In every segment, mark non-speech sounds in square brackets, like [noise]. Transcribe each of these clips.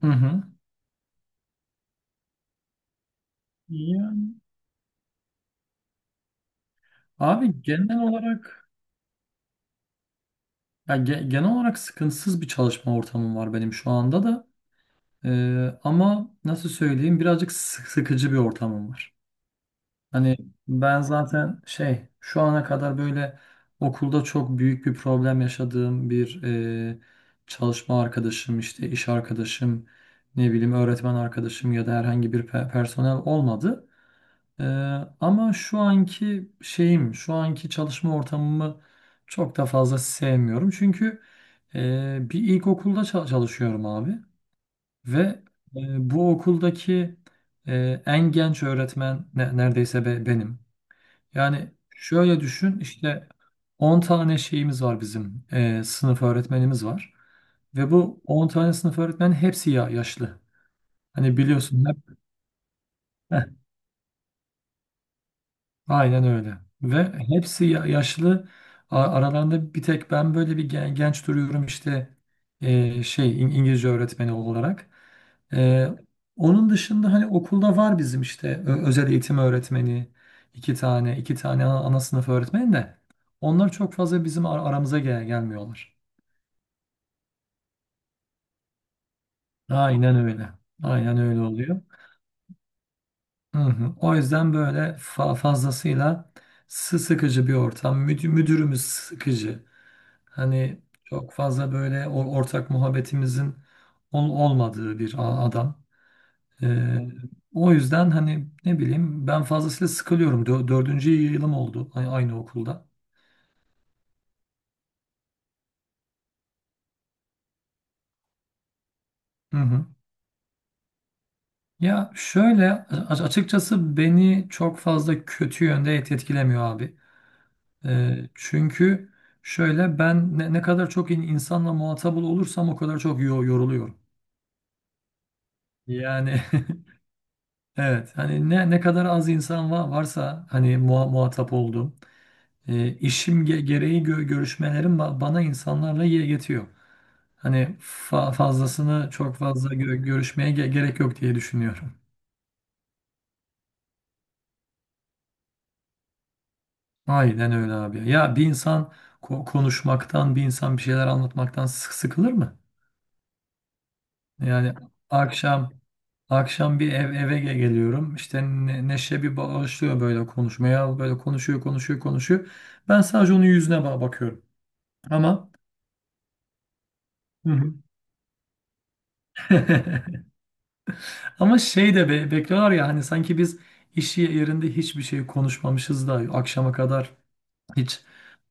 Hı hı. Yani. Abi genel olarak sıkıntısız bir çalışma ortamım var benim şu anda da. Ama nasıl söyleyeyim birazcık sıkıcı bir ortamım var. Hani ben zaten şey şu ana kadar böyle okulda çok büyük bir problem yaşadığım çalışma arkadaşım işte iş arkadaşım ne bileyim öğretmen arkadaşım ya da herhangi bir personel olmadı. Ee, ama şu anki çalışma ortamımı çok da fazla sevmiyorum. Çünkü bir ilkokulda çalışıyorum abi ve bu okuldaki en genç öğretmen neredeyse benim. Yani şöyle düşün işte 10 tane şeyimiz var bizim, sınıf öğretmenimiz var. Ve bu 10 tane sınıf öğretmenin hepsi ya yaşlı. Hani biliyorsun hep [laughs] aynen öyle. Ve hepsi yaşlı. Aralarında bir tek ben böyle bir genç duruyorum işte, İngilizce öğretmeni olarak. E, onun dışında hani okulda var bizim işte özel eğitim öğretmeni, iki tane ana sınıf öğretmeni de onlar çok fazla bizim aramıza gelmiyorlar. Aynen öyle. Aynen öyle oluyor. Hı hı. O yüzden böyle fazlasıyla sıkıcı bir ortam. Müdürümüz sıkıcı. Hani çok fazla böyle ortak muhabbetimizin olmadığı bir adam. Ee, o yüzden hani ne bileyim ben fazlasıyla sıkılıyorum. Dördüncü yılım oldu aynı okulda. Hı hı. Ya şöyle açıkçası beni çok fazla kötü yönde etkilemiyor abi. Çünkü şöyle ben, ne kadar çok insanla muhatap olursam o kadar çok yoruluyorum. Yani. [laughs] Evet, hani ne kadar az insan varsa hani muhatap olduğum. İşim gereği görüşmelerim bana insanlarla yetiyor. Hani fazlasını çok fazla görüşmeye gerek yok diye düşünüyorum. Aynen öyle abi. Ya bir insan konuşmaktan, bir insan bir şeyler anlatmaktan sıkılır mı? Yani akşam akşam bir eve geliyorum. İşte Neşe bir başlıyor böyle konuşmaya. Böyle konuşuyor, konuşuyor, konuşuyor. Ben sadece onun yüzüne bakıyorum. Ama. Hı hı. [laughs] Ama şey de bekliyorlar ya, hani sanki biz iş yerinde hiçbir şey konuşmamışız da akşama kadar hiç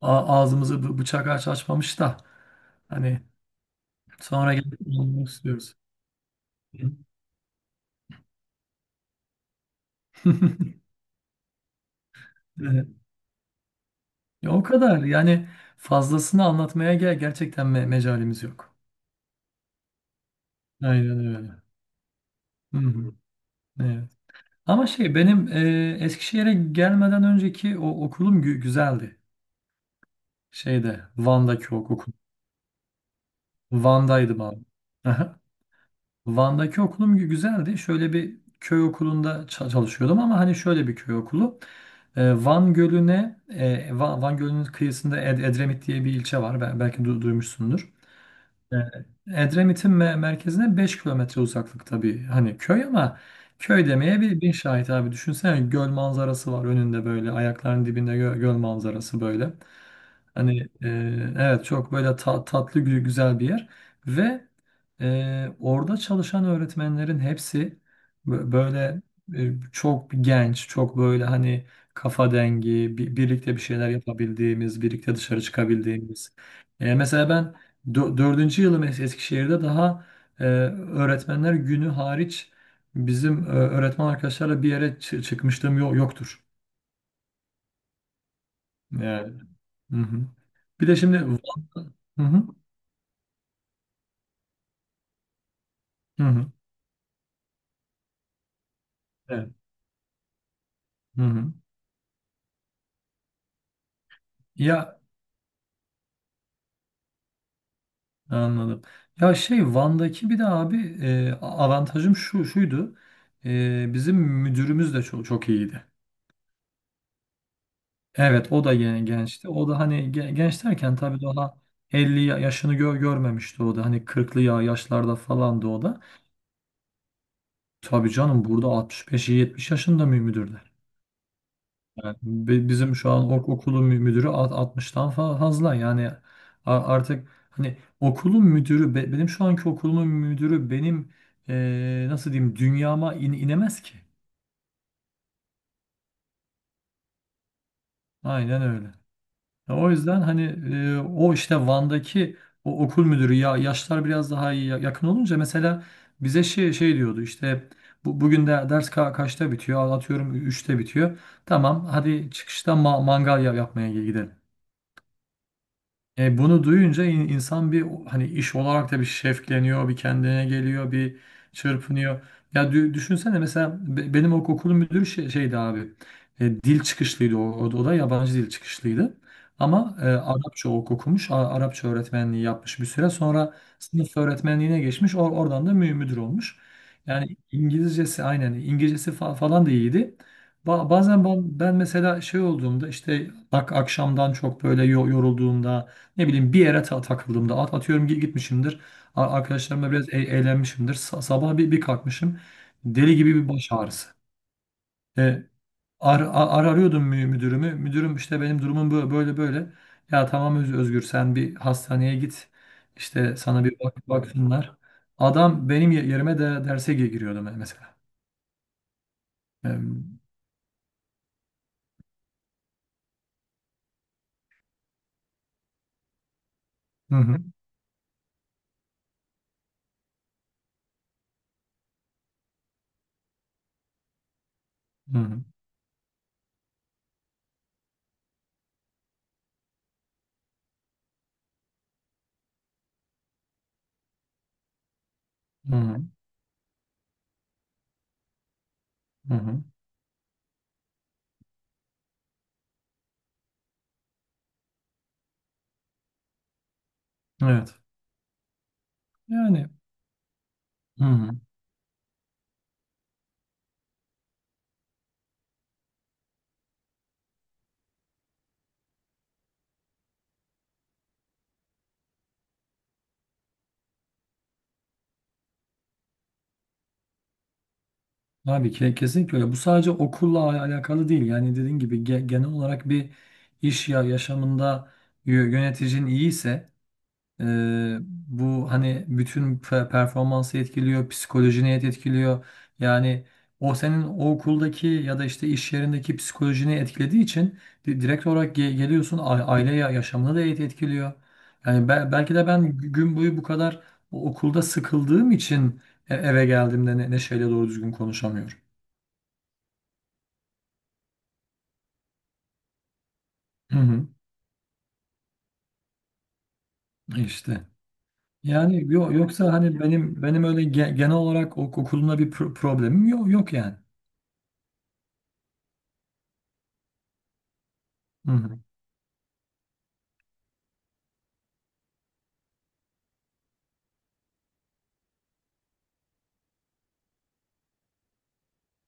ağzımızı bıçak açmamış da hani sonra gelip anlamak istiyoruz. [laughs] Evet. Ya o kadar yani, fazlasını anlatmaya gerçekten mecalimiz yok. Aynen öyle. Hı hı. Evet. Ama benim, Eskişehir'e gelmeden önceki o okulum güzeldi. Şeyde, Van'daki o okul. Van'daydım abi. [laughs] Van'daki okulum güzeldi. Şöyle bir köy okulunda çalışıyordum, ama hani şöyle bir köy okulu. Van Gölü'ne, Van Gölü'nün kıyısında Edremit diye bir ilçe var. Belki duymuşsundur. Ee, Edremit'in merkezine 5 kilometre uzaklıkta bir hani köy, ama köy demeye bir bin şahit abi. Düşünsene, göl manzarası var önünde, böyle ayaklarının dibinde göl manzarası böyle. Hani, evet çok böyle tatlı güzel bir yer. Ve orada çalışan öğretmenlerin hepsi böyle, çok genç, çok böyle hani kafa dengi, birlikte bir şeyler yapabildiğimiz, birlikte dışarı çıkabildiğimiz. Mesela ben dördüncü yılım Eskişehir'de, daha öğretmenler günü hariç bizim, öğretmen arkadaşlarla bir yere çıkmışlığım yoktur. Yani. Hı hı. Bir de şimdi Van-. Hı hı. Hı hı. Evet. Hı hı. Ya, anladım. Ya, Van'daki bir de abi avantajım şuydu. Bizim müdürümüz de çok çok iyiydi. Evet, o da gençti. O da hani genç derken tabii daha 50 yaşını görmemişti o da. Hani 40'lı yaşlarda falandı o da. Tabii canım, burada 65-70 yaşında mı müdür? Yani bizim şu an okulun müdürü 60'tan fazla yani, artık hani okulun müdürü benim, şu anki okulumun müdürü benim nasıl diyeyim dünyama inemez ki. Aynen öyle. Ya, o yüzden hani o işte Van'daki o okul müdürü, ya yaşlar biraz daha iyi, yakın olunca mesela, bize şey diyordu işte bugün de ders kaçta bitiyor, atıyorum 3'te bitiyor. Tamam, hadi çıkışta mangal yapmaya gidelim. Bunu duyunca insan bir hani iş olarak da bir şevkleniyor, bir kendine geliyor, bir çırpınıyor. Ya düşünsene mesela benim okulun müdürü şeydi abi. Dil çıkışlıydı, o da yabancı dil çıkışlıydı. Ama Arapça okumuş, Arapça öğretmenliği yapmış, bir süre sonra sınıf öğretmenliğine geçmiş. Oradan da müdür olmuş. Yani İngilizcesi, aynen İngilizcesi falan da iyiydi. Bazen ben mesela şey olduğumda, işte bak, akşamdan çok böyle yorulduğumda, ne bileyim bir yere takıldığımda, atıyorum gitmişimdir. Arkadaşlarımla biraz eğlenmişimdir. Sabah bir kalkmışım. Deli gibi bir baş ağrısı. E, arıyordum müdürümü. Müdürüm, işte benim durumum böyle böyle. Ya tamam, Özgür, sen bir hastaneye git. İşte sana bir baksınlar. Adam benim yerime de derse giriyordu mesela. Hı hı, hı hı, hı hı, hı hı. Evet. Yani, hı hı. Abi kesinlikle öyle. Bu sadece okulla alakalı değil. Yani dediğin gibi genel olarak bir iş yaşamında yöneticin iyiyse, e, bu hani bütün performansı etkiliyor, psikolojini etkiliyor. Yani o senin o okuldaki ya da işte iş yerindeki psikolojini etkilediği için direkt olarak geliyorsun, aile yaşamını da etkiliyor. Yani belki de ben gün boyu bu kadar okulda sıkıldığım için eve geldiğimde neşeyle doğru düzgün konuşamıyorum. Hı hı, işte. Yani yoksa hani benim öyle genel olarak okulumla bir problemim yok yok yani. Hı hı,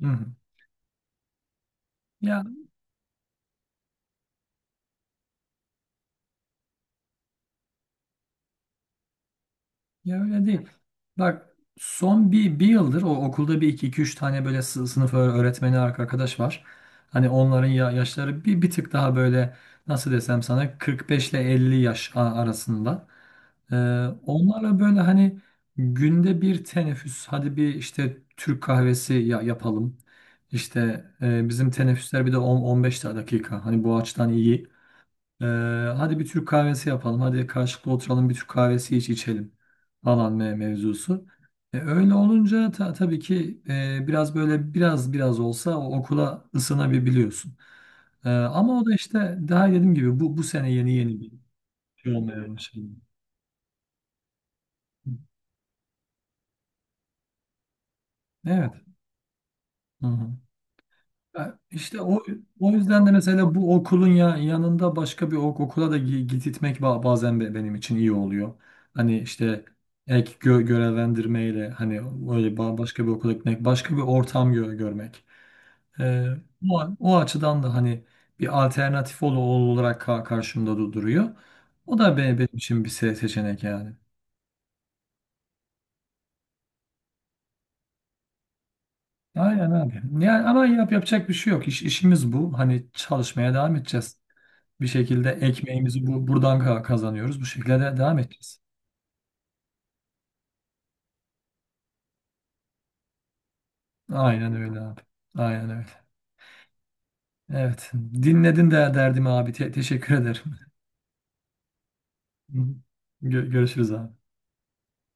hı hı. Ya Ya, öyle değil. Bak son bir yıldır o okulda bir iki, iki üç tane böyle sınıf öğretmeni arkadaş var. Hani onların yaşları bir tık daha böyle, nasıl desem sana, 45 ile 50 yaş arasında. Ee, onlarla böyle hani günde bir teneffüs, hadi bir işte Türk kahvesi yapalım. İşte, bizim teneffüsler bir de 10-15 dakika. Hani bu açıdan iyi. ee, Hadi bir Türk kahvesi yapalım. Hadi karşılıklı oturalım, bir Türk kahvesi içelim falan mevzusu. Öyle olunca tabii ki biraz böyle biraz olsa o okula ısınabiliyorsun. Ama o da işte, daha dediğim gibi bu bu sene yeni yeni bir şey olmaya başladı. Evet. Hı hı. Ya, İşte o yüzden de mesela bu okulun yanında başka bir okula da gitmek bazen benim için iyi oluyor. Hani işte ek görevlendirmeyle, hani böyle başka bir okula gitmek, başka bir ortam görmek. Ee, o açıdan da hani bir alternatif olarak karşımda duruyor. O da benim için bir seçenek yani. Aynen abi. Yani ama yapacak bir şey yok. İşimiz bu. Hani çalışmaya devam edeceğiz. Bir şekilde ekmeğimizi buradan kazanıyoruz. Bu şekilde de devam edeceğiz. Aynen öyle abi. Aynen öyle. Evet. Dinledin de derdimi abi. Teşekkür ederim. [laughs] Görüşürüz abi.